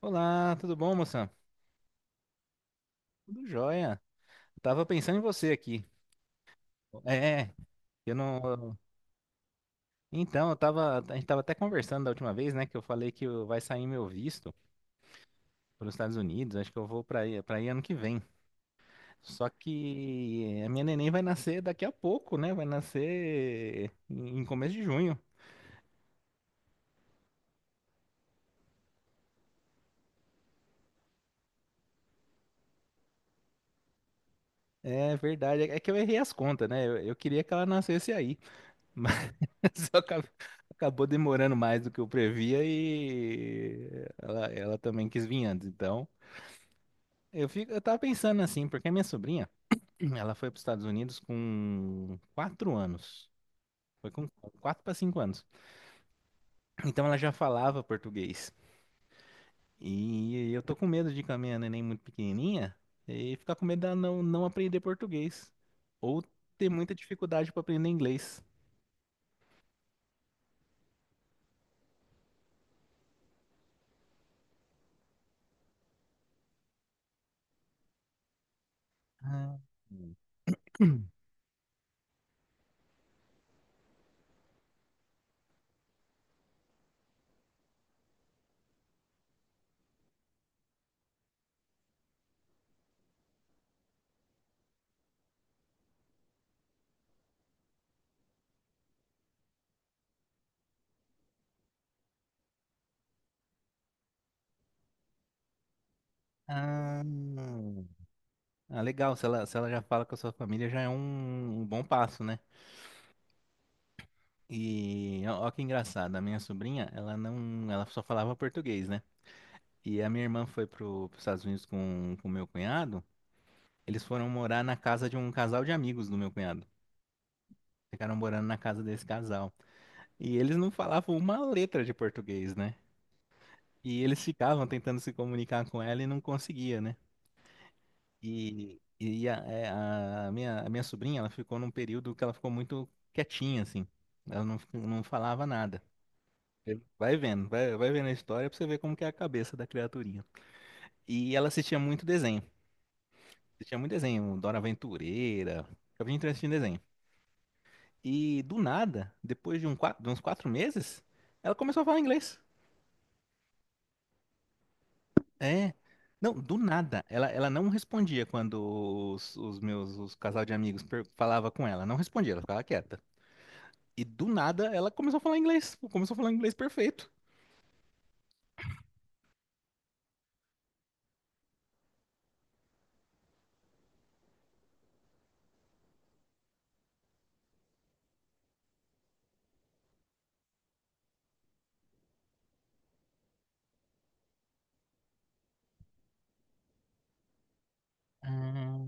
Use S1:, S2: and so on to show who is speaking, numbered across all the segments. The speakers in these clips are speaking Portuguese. S1: Olá, tudo bom, moça? Tudo jóia. Eu tava pensando em você aqui. É, eu não. Então, eu tava. A gente tava até conversando da última vez, né? Que eu falei que eu- Vai sair meu visto para os Estados Unidos. Acho que eu vou para aí ano que vem. Só que a minha neném vai nascer daqui a pouco, né? Vai nascer em começo de junho. É verdade. É que eu errei as contas, né? Eu queria que ela nascesse aí. Só acab- Acabou demorando mais do que eu previa e ela também quis vir antes. Então, eu tava pensando assim, porque a minha sobrinha, ela foi para os Estados Unidos com quatro anos. Foi com quatro para cinco anos. Então ela já falava português. E eu tô com medo de ir com a minha neném muito pequenininha e ficar com medo dela não aprender português. Ou ter muita dificuldade para aprender inglês. Ah, ah. Ah, legal, se ela já fala com a sua família, já é um bom passo, né? E ó, ó que engraçado, a minha sobrinha, ela não, ela só falava português, né? E a minha irmã foi para os Estados Unidos com o meu cunhado, eles foram morar na casa de um casal de amigos do meu cunhado. Ficaram morando na casa desse casal. E eles não falavam uma letra de português, né? E eles ficavam tentando se comunicar com ela e não conseguia, né? E, e a, é, a minha sobrinha, ela ficou num período que ela ficou muito quietinha, assim. Ela não, fi- Não falava nada. Vai vendo, vai vendo a história pra você ver como que é a cabeça da criaturinha. E ela assistia muito desenho. Assistia muito desenho, Dora Aventureira. Eu vim assistindo desenho. E do nada, depois de, de uns quatro meses, ela começou a falar inglês. É. Não, do nada. Ela não respondia quando os casal de amigos falava com ela. Não respondia, ela ficava quieta. E do nada ela começou a falar inglês. Começou a falar inglês perfeito. Ah,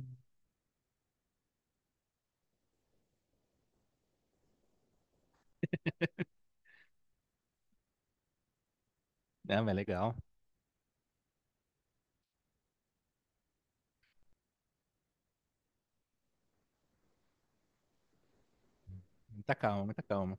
S1: é mas legal. Muita calma, muita calma.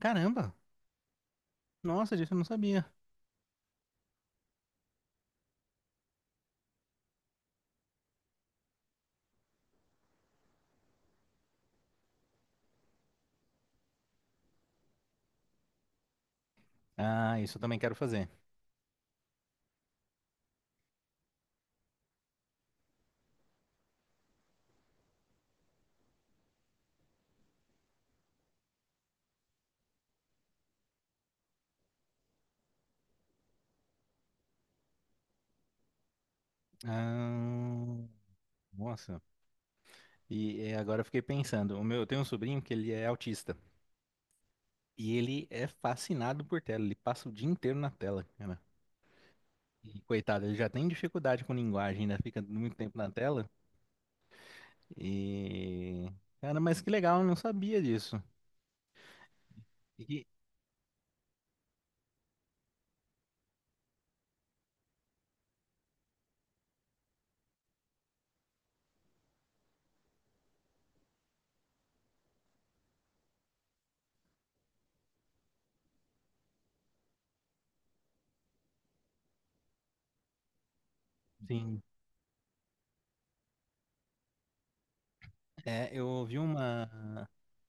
S1: Caramba! Nossa, disso eu não sabia. Ah, isso eu também quero fazer. Ah, nossa. E é, agora eu fiquei pensando. Eu tenho um sobrinho que ele é autista. E ele é fascinado por tela. Ele passa o dia inteiro na tela, cara. E, coitado, ele já tem dificuldade com linguagem, ainda fica muito tempo na tela. E. Cara, mas que legal, eu não sabia disso. E, sim. É, eu ouvi uma,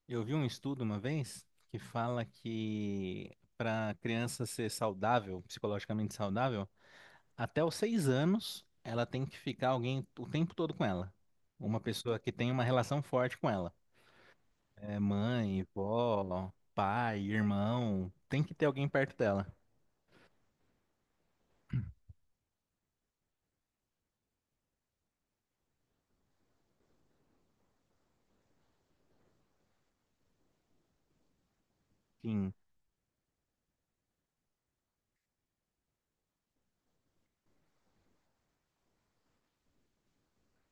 S1: eu vi um estudo uma vez que fala que para a criança ser saudável, psicologicamente saudável, até os 6 anos ela tem que ficar alguém o tempo todo com ela. Uma pessoa que tem uma relação forte com ela. É mãe, vó, pai, irmão, tem que ter alguém perto dela. Sim,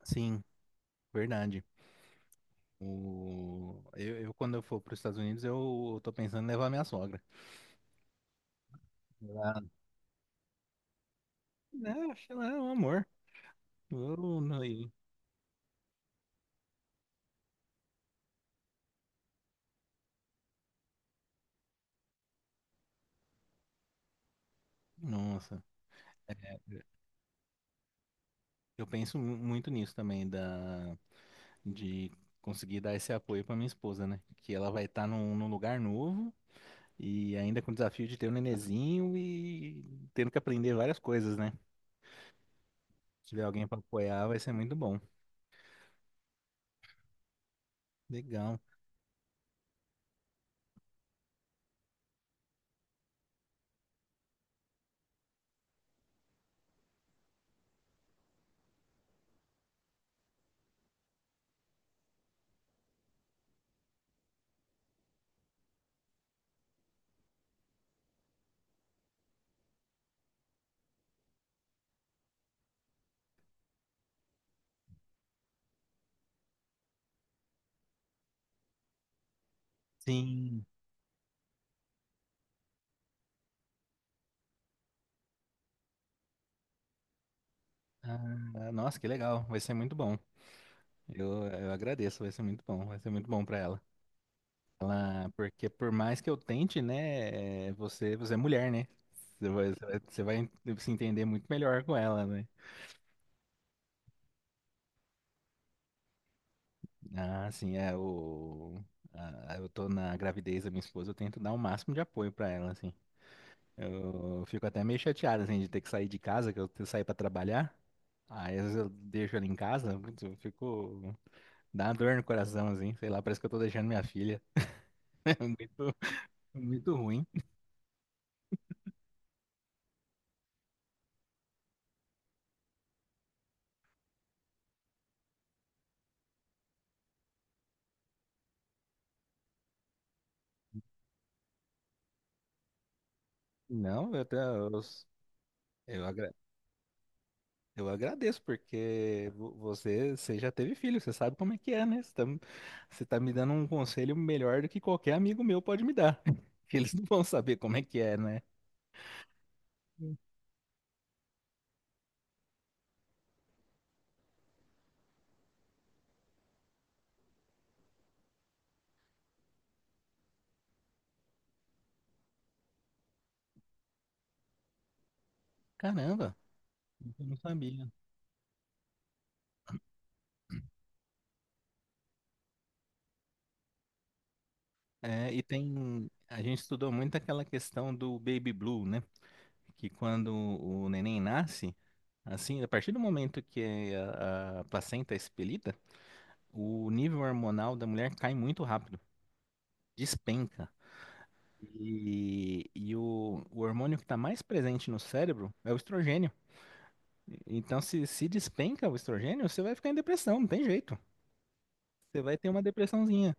S1: sim, verdade. Quando eu for para os Estados Unidos, eu tô pensando em levar minha sogra. Ela, né, acho que ela é um amor. Eu não- e- Nossa, é, eu muito nisso também, da, de conseguir dar esse apoio pra minha esposa, né? Que ela vai estar num lugar novo e ainda com o desafio de ter um nenenzinho e tendo que aprender várias coisas, né? Se tiver alguém pra apoiar, vai ser muito bom. Legal. Sim. Ah, nossa, que legal. Vai ser muito bom. Eu agradeço, vai ser muito bom. Vai ser muito bom pra ela. Porque por mais que eu tente, né, é, você é mulher, né? Você vai, você vai Você vai se entender muito melhor com ela, né? Ah, sim, eu tô na gravidez da minha esposa, eu tento dar o máximo de apoio pra ela, assim. Eu fico até meio chateado, assim, de ter que sair de casa, que eu tenho que sair pra trabalhar. Aí às vezes eu deixo ela em casa, putz, eu fico, dá uma dor no coração, assim, sei lá, parece que eu tô deixando minha filha. É muito, muito ruim. Não, eu, te- eu, agra- Eu agradeço, porque você, você já teve filho, você sabe como é que é, né? Você tá me dando um conselho melhor do que qualquer amigo meu pode me dar. Que eles não vão saber como é que é, né? Caramba, eu não sabia. É, e tem. A gente estudou muito aquela questão do baby blue, né? Que quando o neném nasce, assim, a partir do momento que a placenta é expelida, o nível hormonal da mulher cai muito rápido, despenca. E, o hormônio que está mais presente no cérebro é o estrogênio. Então, se despenca o estrogênio, você vai ficar em depressão, não tem jeito. Você vai ter uma depressãozinha.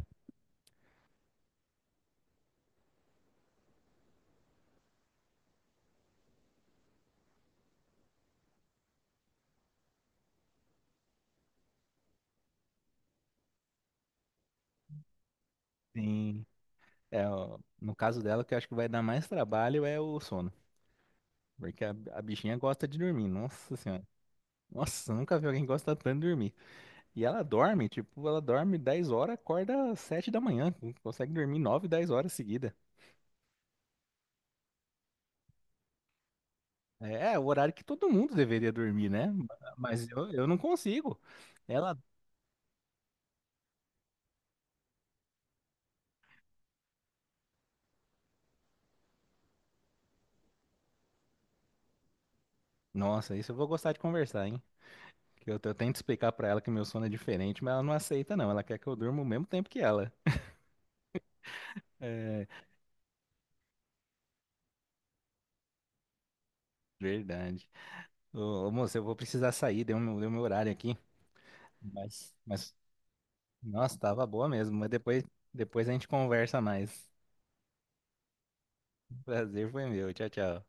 S1: Sim. É, ó, no caso dela, o que eu acho que vai dar mais trabalho é o sono. Porque a bichinha gosta de dormir. Nossa senhora. Nossa, eu nunca vi alguém gostar tanto de dormir. E ela dorme, tipo, ela dorme 10 horas, acorda às 7 da manhã. Consegue dormir 9, 10 horas seguida. É, é o horário que todo mundo deveria dormir, né? Mas eu não consigo. Ela, nossa, isso eu vou gostar de conversar, hein? Que eu tento explicar pra ela que meu sono é diferente, mas ela não aceita, não. Ela quer que eu durma o mesmo tempo que ela. É, verdade. Ô, moço, eu vou precisar sair, deu meu horário aqui. Mas, mas, nossa, tava boa mesmo. Depois a gente conversa mais. Prazer foi meu. Tchau, tchau.